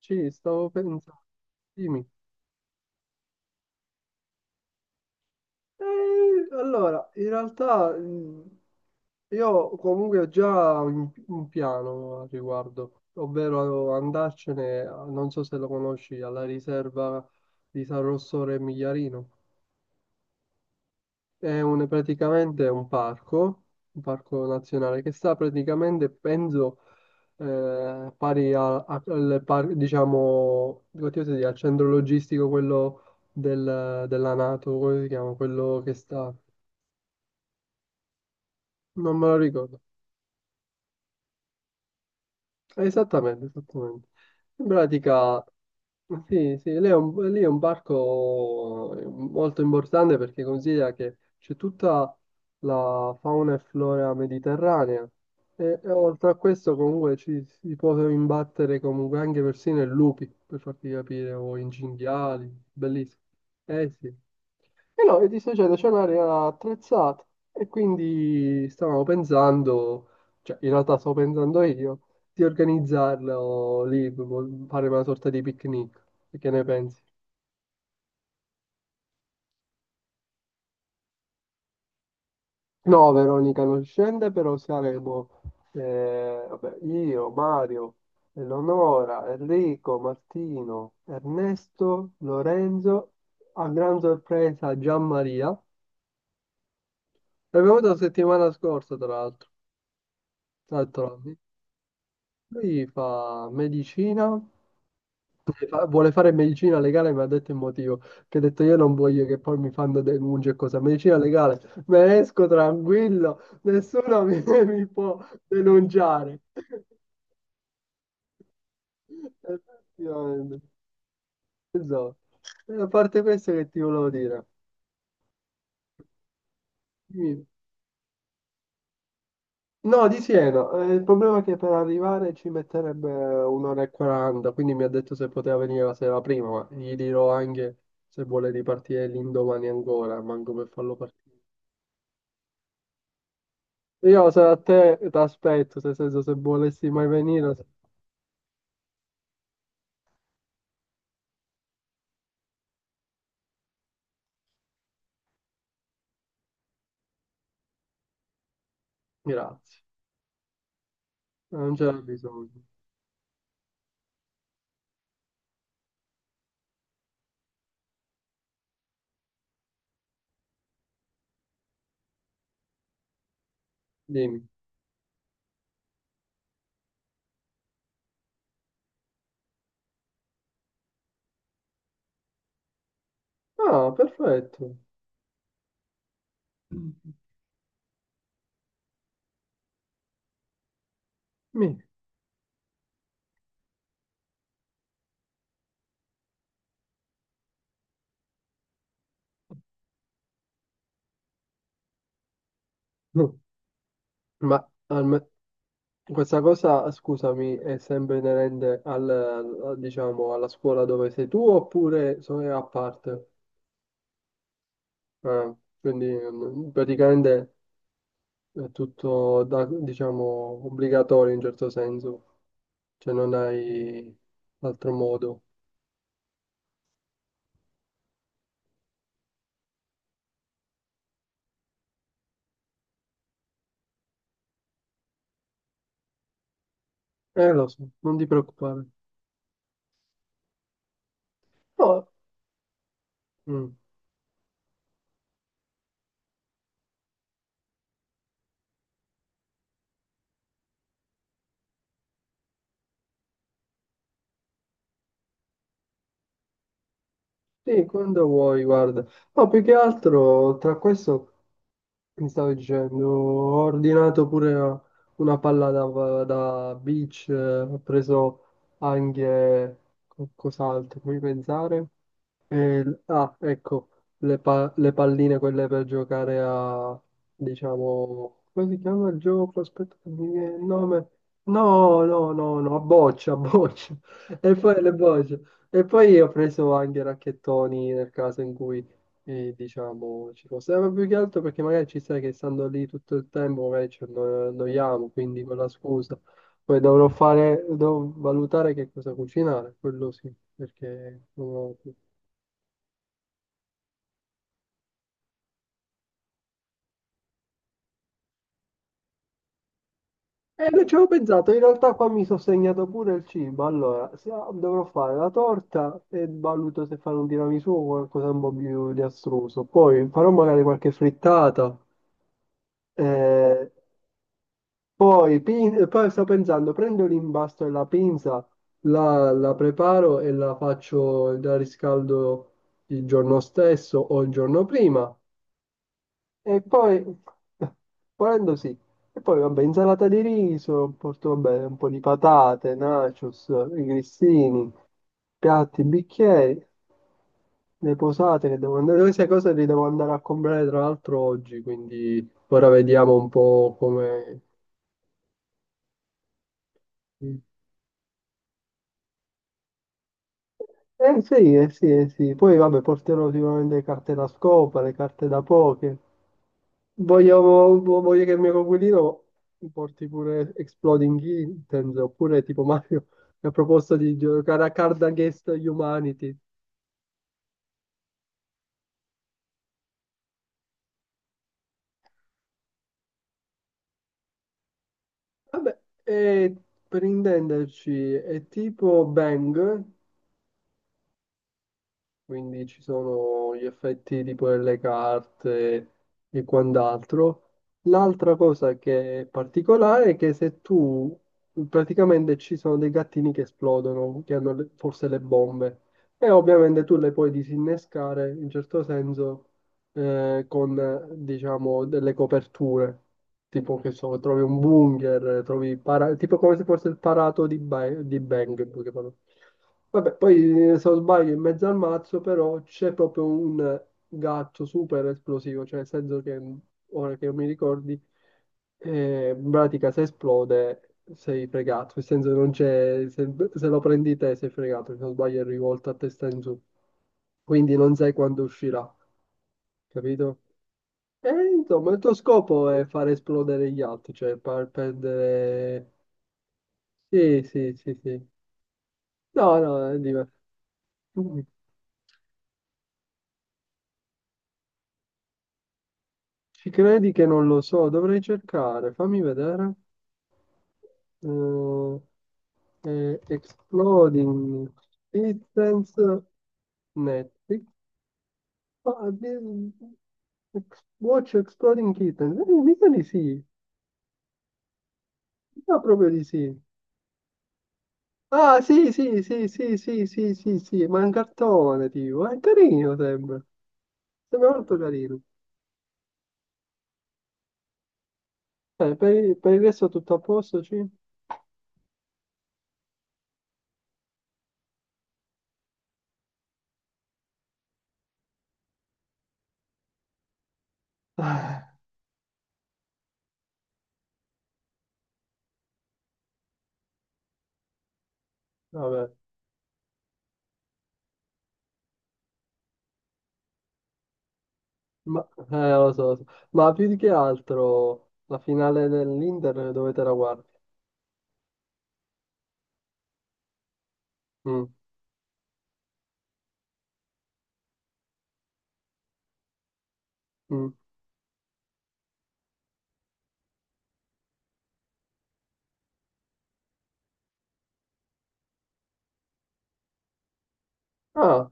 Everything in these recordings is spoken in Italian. Sì, stavo pensando. Dimmi. Eh, allora, in realtà io comunque ho già un piano al riguardo, ovvero andarcene, non so se lo conosci, alla riserva di San Rossore e Migliarino. Praticamente un parco nazionale che sta praticamente, penso, pari a- a- al, par- diciamo, come ti posso dire, al centro logistico, quello della NATO, come si chiama? Quello che sta, non me lo ricordo. Esattamente, esattamente. In pratica, sì, sì, lì è un parco molto importante perché considera che c'è tutta la fauna e flora mediterranea e oltre a questo comunque ci si può imbattere comunque anche persino in lupi, per farti capire, o in cinghiali, bellissimo. Eh sì, e no, e ti sto dicendo, c'è un'area attrezzata e quindi stavamo pensando, cioè in realtà stavo pensando io, di organizzarlo lì, proprio fare una sorta di picnic. E che ne pensi? No, Veronica non scende, però saremo vabbè, io, Mario, Eleonora, Enrico, Martino, Ernesto, Lorenzo, a gran sorpresa Gianmaria. È venuto la settimana scorsa, tra l'altro. Tra l'altro. Lui fa medicina, vuole fare medicina legale, mi ha detto il motivo, che ha detto io non voglio che poi mi fanno denunce e cosa, medicina legale, me esco tranquillo, nessuno mi, mi può denunciare. Effettivamente, esatto. E a parte questo che ti volevo dire, dimmi. No, di Siena. Il problema è che per arrivare ci metterebbe un'ora e quaranta, quindi mi ha detto se poteva venire la sera prima, ma gli dirò anche se vuole ripartire l'indomani ancora, manco per farlo partire. Io se a te ti aspetto, nel senso se volessi mai venire, se- grazie, non c'era bisogno. Dimmi. Ah, perfetto. Mi. Ma alme- questa cosa, scusami, è sempre inerente al, diciamo, alla scuola dove sei tu oppure è a parte? Ah, quindi praticamente è tutto, diciamo, obbligatorio in certo senso, cioè non hai altro modo. Lo so, non ti preoccupare. No, mm, sì, quando vuoi, guarda. No, più che altro tra questo. Mi stavo dicendo, ho ordinato pure una palla da, da beach, ho preso anche cos'altro, fammi pensare. Ah, ecco, le palline quelle per giocare a, diciamo, come si chiama il gioco? Aspetta che mi viene il nome. No, no, no, no, a boccia, a boccia. E poi le bocce. E poi ho preso anche racchettoni nel caso in cui, diciamo, ci fosse. Ma più che altro perché magari ci sai che stando lì tutto il tempo, magari annoiamo, quindi con la scusa. Poi dovrò fare, devo valutare che cosa cucinare, quello sì, perché non ho. Non ci avevo pensato, in realtà qua mi sono segnato pure il cibo, allora se- dovrò fare la torta e valuto se fare un tiramisù o qualcosa un po' più di astruso, poi farò magari qualche frittata, eh, poi, poi sto pensando, prendo l'imbasto e la pinza, la preparo e la faccio, la riscaldo il giorno stesso o il giorno prima e poi, volendo sì, e poi vabbè, insalata di riso, porto vabbè, un po' di patate, nachos, i grissini, piatti, bicchieri, le posate che devo andare, queste cose le devo andare a comprare tra l'altro oggi, quindi ora vediamo un po' come... Eh sì, eh sì, eh sì. Poi vabbè, porterò sicuramente le carte da scopa, le carte da poker. Voglio che il mio coinquilino porti pure Exploding Kittens, oppure tipo Mario mi ha proposto di giocare a Card Against Humanity. Vabbè, e per intenderci è tipo Bang, quindi ci sono gli effetti tipo delle carte e quant'altro. L'altra cosa che è particolare è che se tu praticamente ci sono dei gattini che esplodono, che hanno le- forse le bombe, e ovviamente tu le puoi disinnescare in certo senso con diciamo delle coperture. Tipo che so, trovi un bunker, trovi tipo come se fosse il parato di, di Bang, in poche parole. Vabbè, poi se non sbaglio in mezzo al mazzo però c'è proprio un gatto super esplosivo, cioè nel senso che ora che mi ricordi, in pratica se esplode sei fregato, nel senso che non c'è, se lo prendi te sei fregato, se non sbaglio è rivolto a testa in su, quindi non sai quando uscirà, capito? E insomma il tuo scopo è far esplodere gli altri, cioè far perdere... Sì, sì, sì, sì. No, no, è diverso. Ci credi che non lo so, dovrei cercare, fammi vedere. Eh, Exploding Kittens Netflix. Ah, Watch Exploding Kittens. Mica di sì, mica proprio di sì. Ah, sì, sì, sì, sì, sì, sì, sì, sì, ma è un cartone, tipo. È carino, sembra. Sembra molto carino. Il per il resto tutto a posto, sì? Ah, vabbè. Ma, lo so, lo so. Ma più di che altro la finale dell'Inter dove te la guardi? Mm, mm. Ah,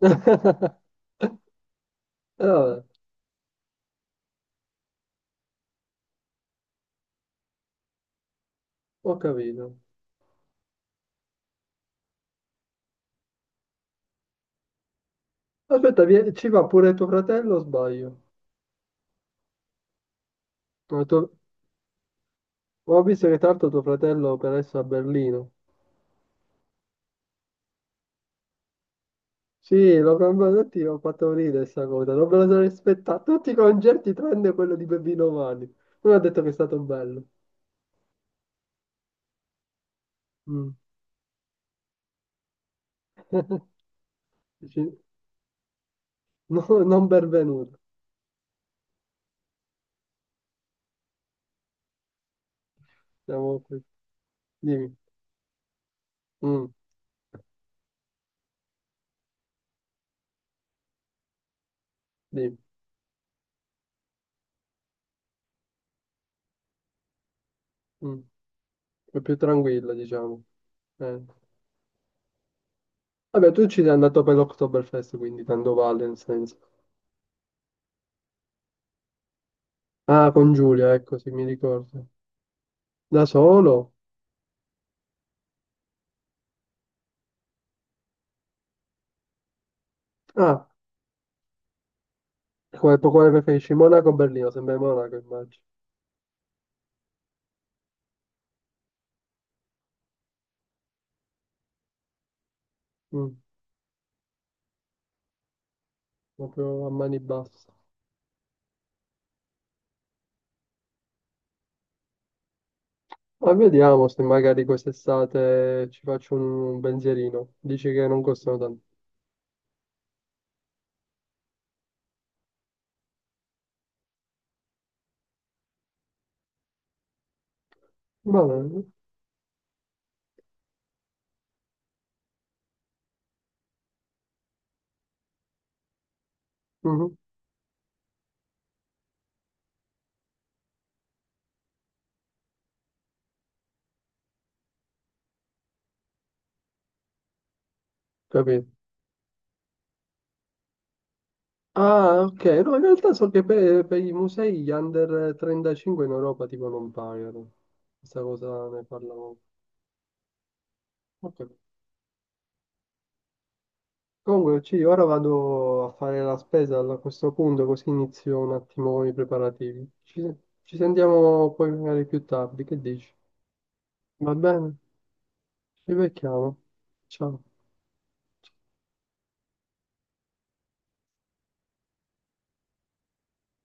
Vabbè, ho capito. Aspetta, ci va pure tuo fratello o sbaglio? Eh, tuo- Ho visto che tanto tuo fratello per adesso è a Berlino. Sì, l'ho cambiato, tutti ho fatto ridere questa cosa, non me la sono aspettata. Tutti i concerti tranne quello di Bebino Mani. Lui ha detto che è stato bello. Mm. Dici, no, non benvenuto. Siamo qui. Dimmi, mm, dimmi. Mm, è più tranquilla, diciamo. Eh. Vabbè, tu ci sei andato per l'Oktoberfest, quindi tanto vale, nel senso. Ah, con Giulia, ecco, sì, mi ricordo. Da solo? Ah, quale, quale preferisci? Monaco o Berlino? Sembra Monaco, immagino. Mm, proprio a mani basse. Ma vediamo se magari quest'estate ci faccio un pensierino. Dici che non costano tanto. Va bene. Mhm, capito. Ah, ok. No, in realtà so che per i musei gli under 35 in Europa tipo non pagano. Questa cosa ne parlavamo. Ok. Comunque, sì, ora vado a fare la spesa a questo punto, così inizio un attimo con i preparativi. Ci sentiamo poi magari più tardi, che dici? Va bene? Ci becchiamo. Ciao.